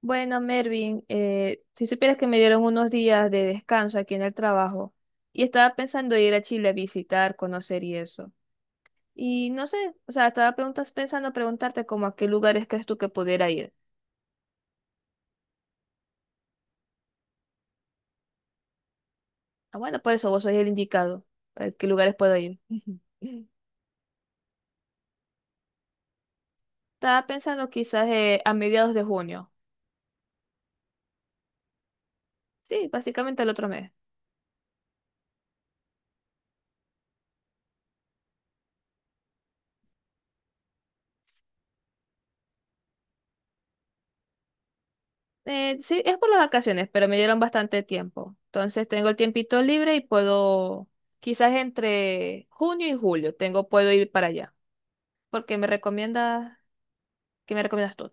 Bueno, Mervin, si supieras que me dieron unos días de descanso aquí en el trabajo y estaba pensando ir a Chile a visitar, conocer y eso. Y no sé, o sea, pensando preguntarte como a qué lugares crees tú que pudiera ir. Ah, bueno, por eso vos sois el indicado. ¿A qué lugares puedo ir? Estaba pensando quizás a mediados de junio. Sí, básicamente el otro mes. Sí, es por las vacaciones, pero me dieron bastante tiempo. Entonces tengo el tiempito libre y puedo, quizás entre junio y julio, tengo, puedo ir para allá. Porque me recomiendas, ¿Qué me recomiendas tú?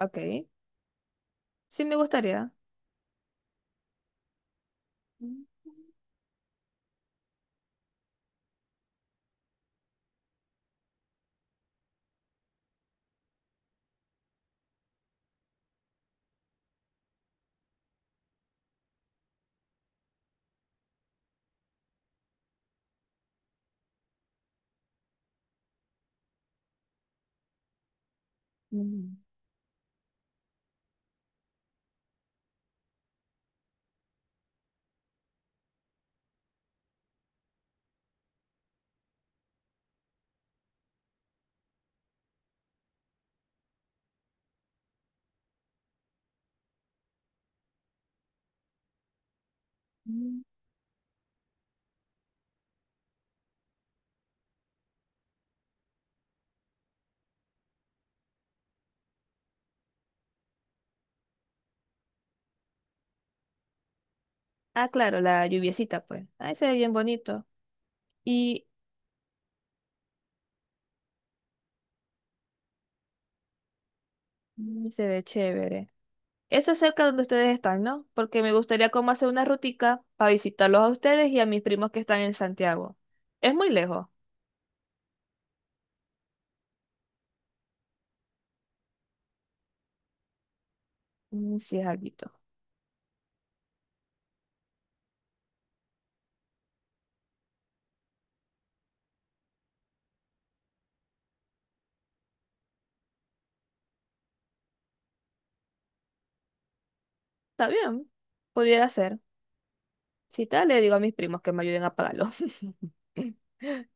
Ok. Sí, me gustaría. Mm. Mm, mm. Ah, claro, la lluviecita, pues. Ahí se ve bien bonito. Y mm, se ve chévere. Eso es cerca donde ustedes están, ¿no? Porque me gustaría como hacer una rutica para visitarlos a ustedes y a mis primos que están en Santiago. Es muy lejos. Mm, sí, es algo. Está bien, pudiera ser. Si tal, le digo a mis primos que me ayuden a pagarlo.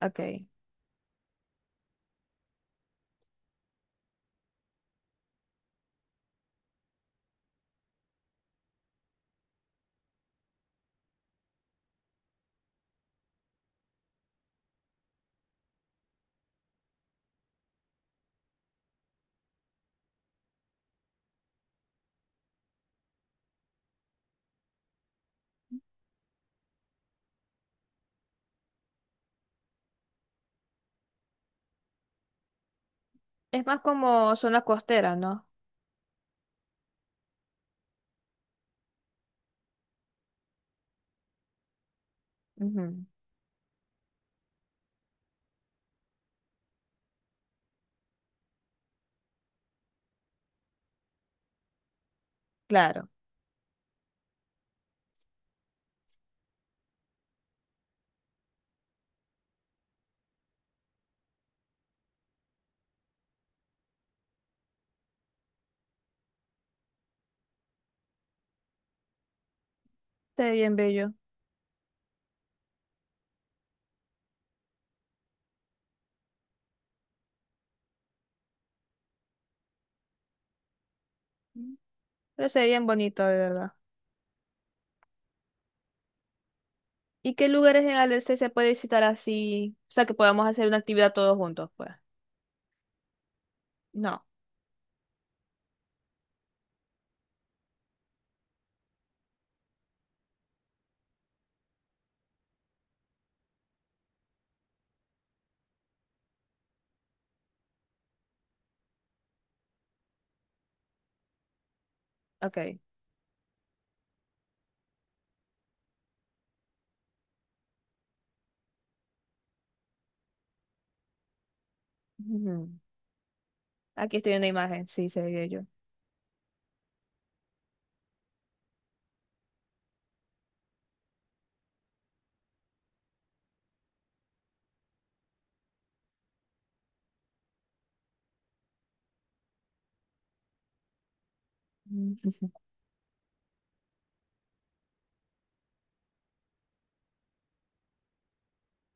Ok. Es más como zona costera, ¿no? Ujú. Claro. Está bien bello. Ujú. Pero sería bien bonito, de verdad. ¿Y qué lugares en Alerce se puede visitar así? O sea, que podamos hacer una actividad todos juntos, pues. No. Ok. Ujú. Aquí estoy en la imagen. Sí, se ve bello. Ujú.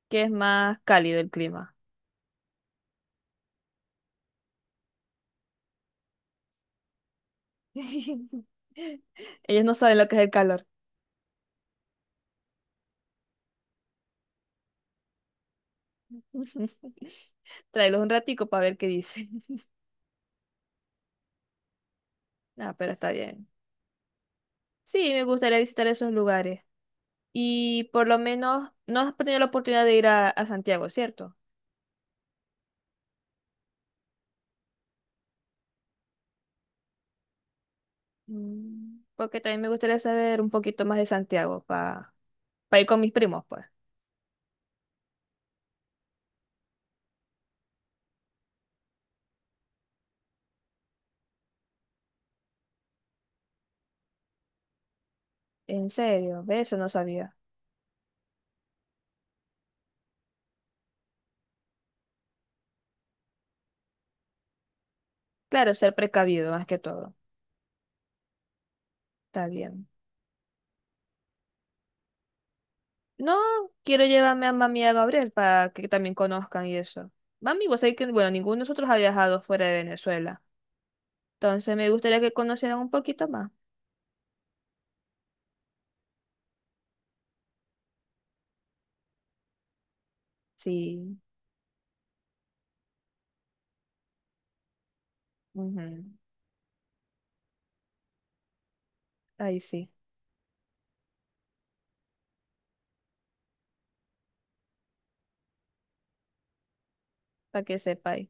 Que es más cálido el clima. Ellos no saben lo que es el calor. Tráelos un ratico para ver qué dice. Ah, pero está bien. Sí, me gustaría visitar esos lugares. Y por lo menos no has tenido la oportunidad de ir a Santiago, ¿cierto? Mm, porque también me gustaría saber un poquito más de Santiago para ir con mis primos, pues. En serio, ve, eso no sabía. Claro, ser precavido más que todo. Está bien. No, quiero llevarme a mami y a Gabriel para que también conozcan y eso. Mami, vos sabés que, bueno, ninguno de nosotros ha viajado fuera de Venezuela. Entonces me gustaría que conocieran un poquito más. Sí. Ujú. Ahí sí, para que sepáis.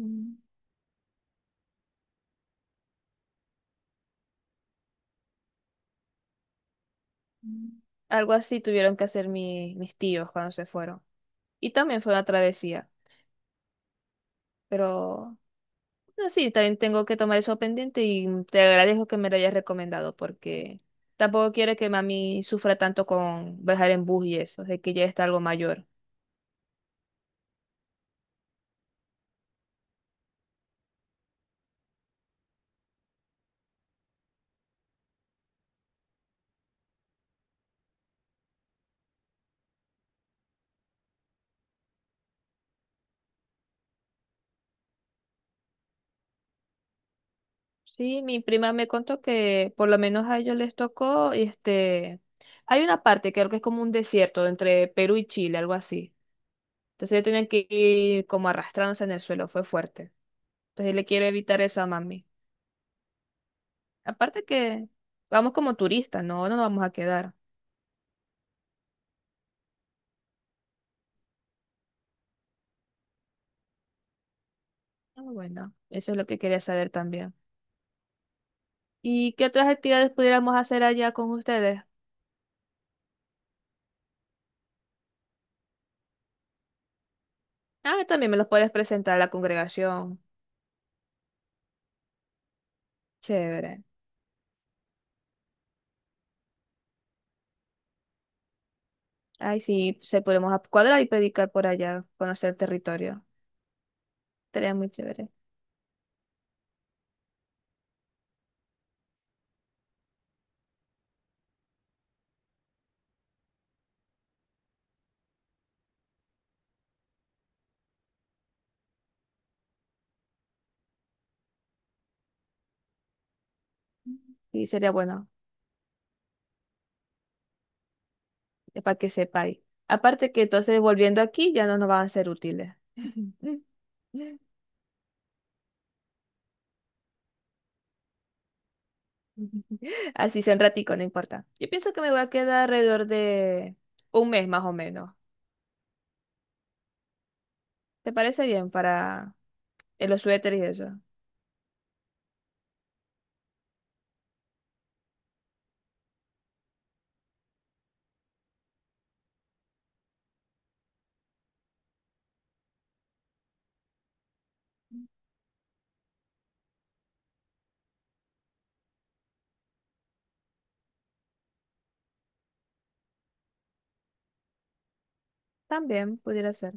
Mm, mm. Algo así tuvieron que hacer mis tíos cuando se fueron. Y también fue una travesía. Pero no, sí, también tengo que tomar eso pendiente y te agradezco que me lo hayas recomendado porque tampoco quiero que mami sufra tanto con viajar en bus y eso, de que ya está algo mayor. Sí, mi prima me contó que por lo menos a ellos les tocó, este, hay una parte que creo que es como un desierto entre Perú y Chile, algo así. Entonces ellos tenían que ir como arrastrándose en el suelo, fue fuerte. Entonces le quiero evitar eso a mami. Aparte que vamos como turistas, no, no nos vamos a quedar. Ah, bueno, eso es lo que quería saber también. ¿Y qué otras actividades pudiéramos hacer allá con ustedes? Ah, también me los puedes presentar a la congregación. Chévere. Ay, sí, pues, se podemos cuadrar y predicar por allá, conocer el territorio. Sería muy chévere. Sí, sería bueno, para que sepáis. Aparte que entonces volviendo aquí ya no nos van a ser útiles. Así sea un ratico, no importa. Yo pienso que me voy a quedar alrededor de un mes más o menos. ¿Te parece bien para los suéteres y eso? También pudiera ser.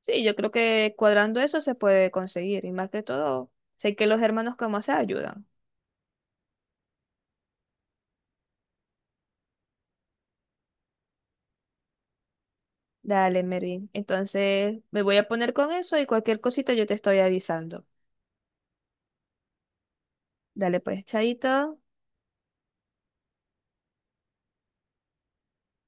Sí, yo creo que cuadrando eso se puede conseguir. Y más que todo, sé que los hermanos como se ayudan. Dale, Mervin. Entonces me voy a poner con eso y cualquier cosita yo te estoy avisando. Dale, pues, chaito.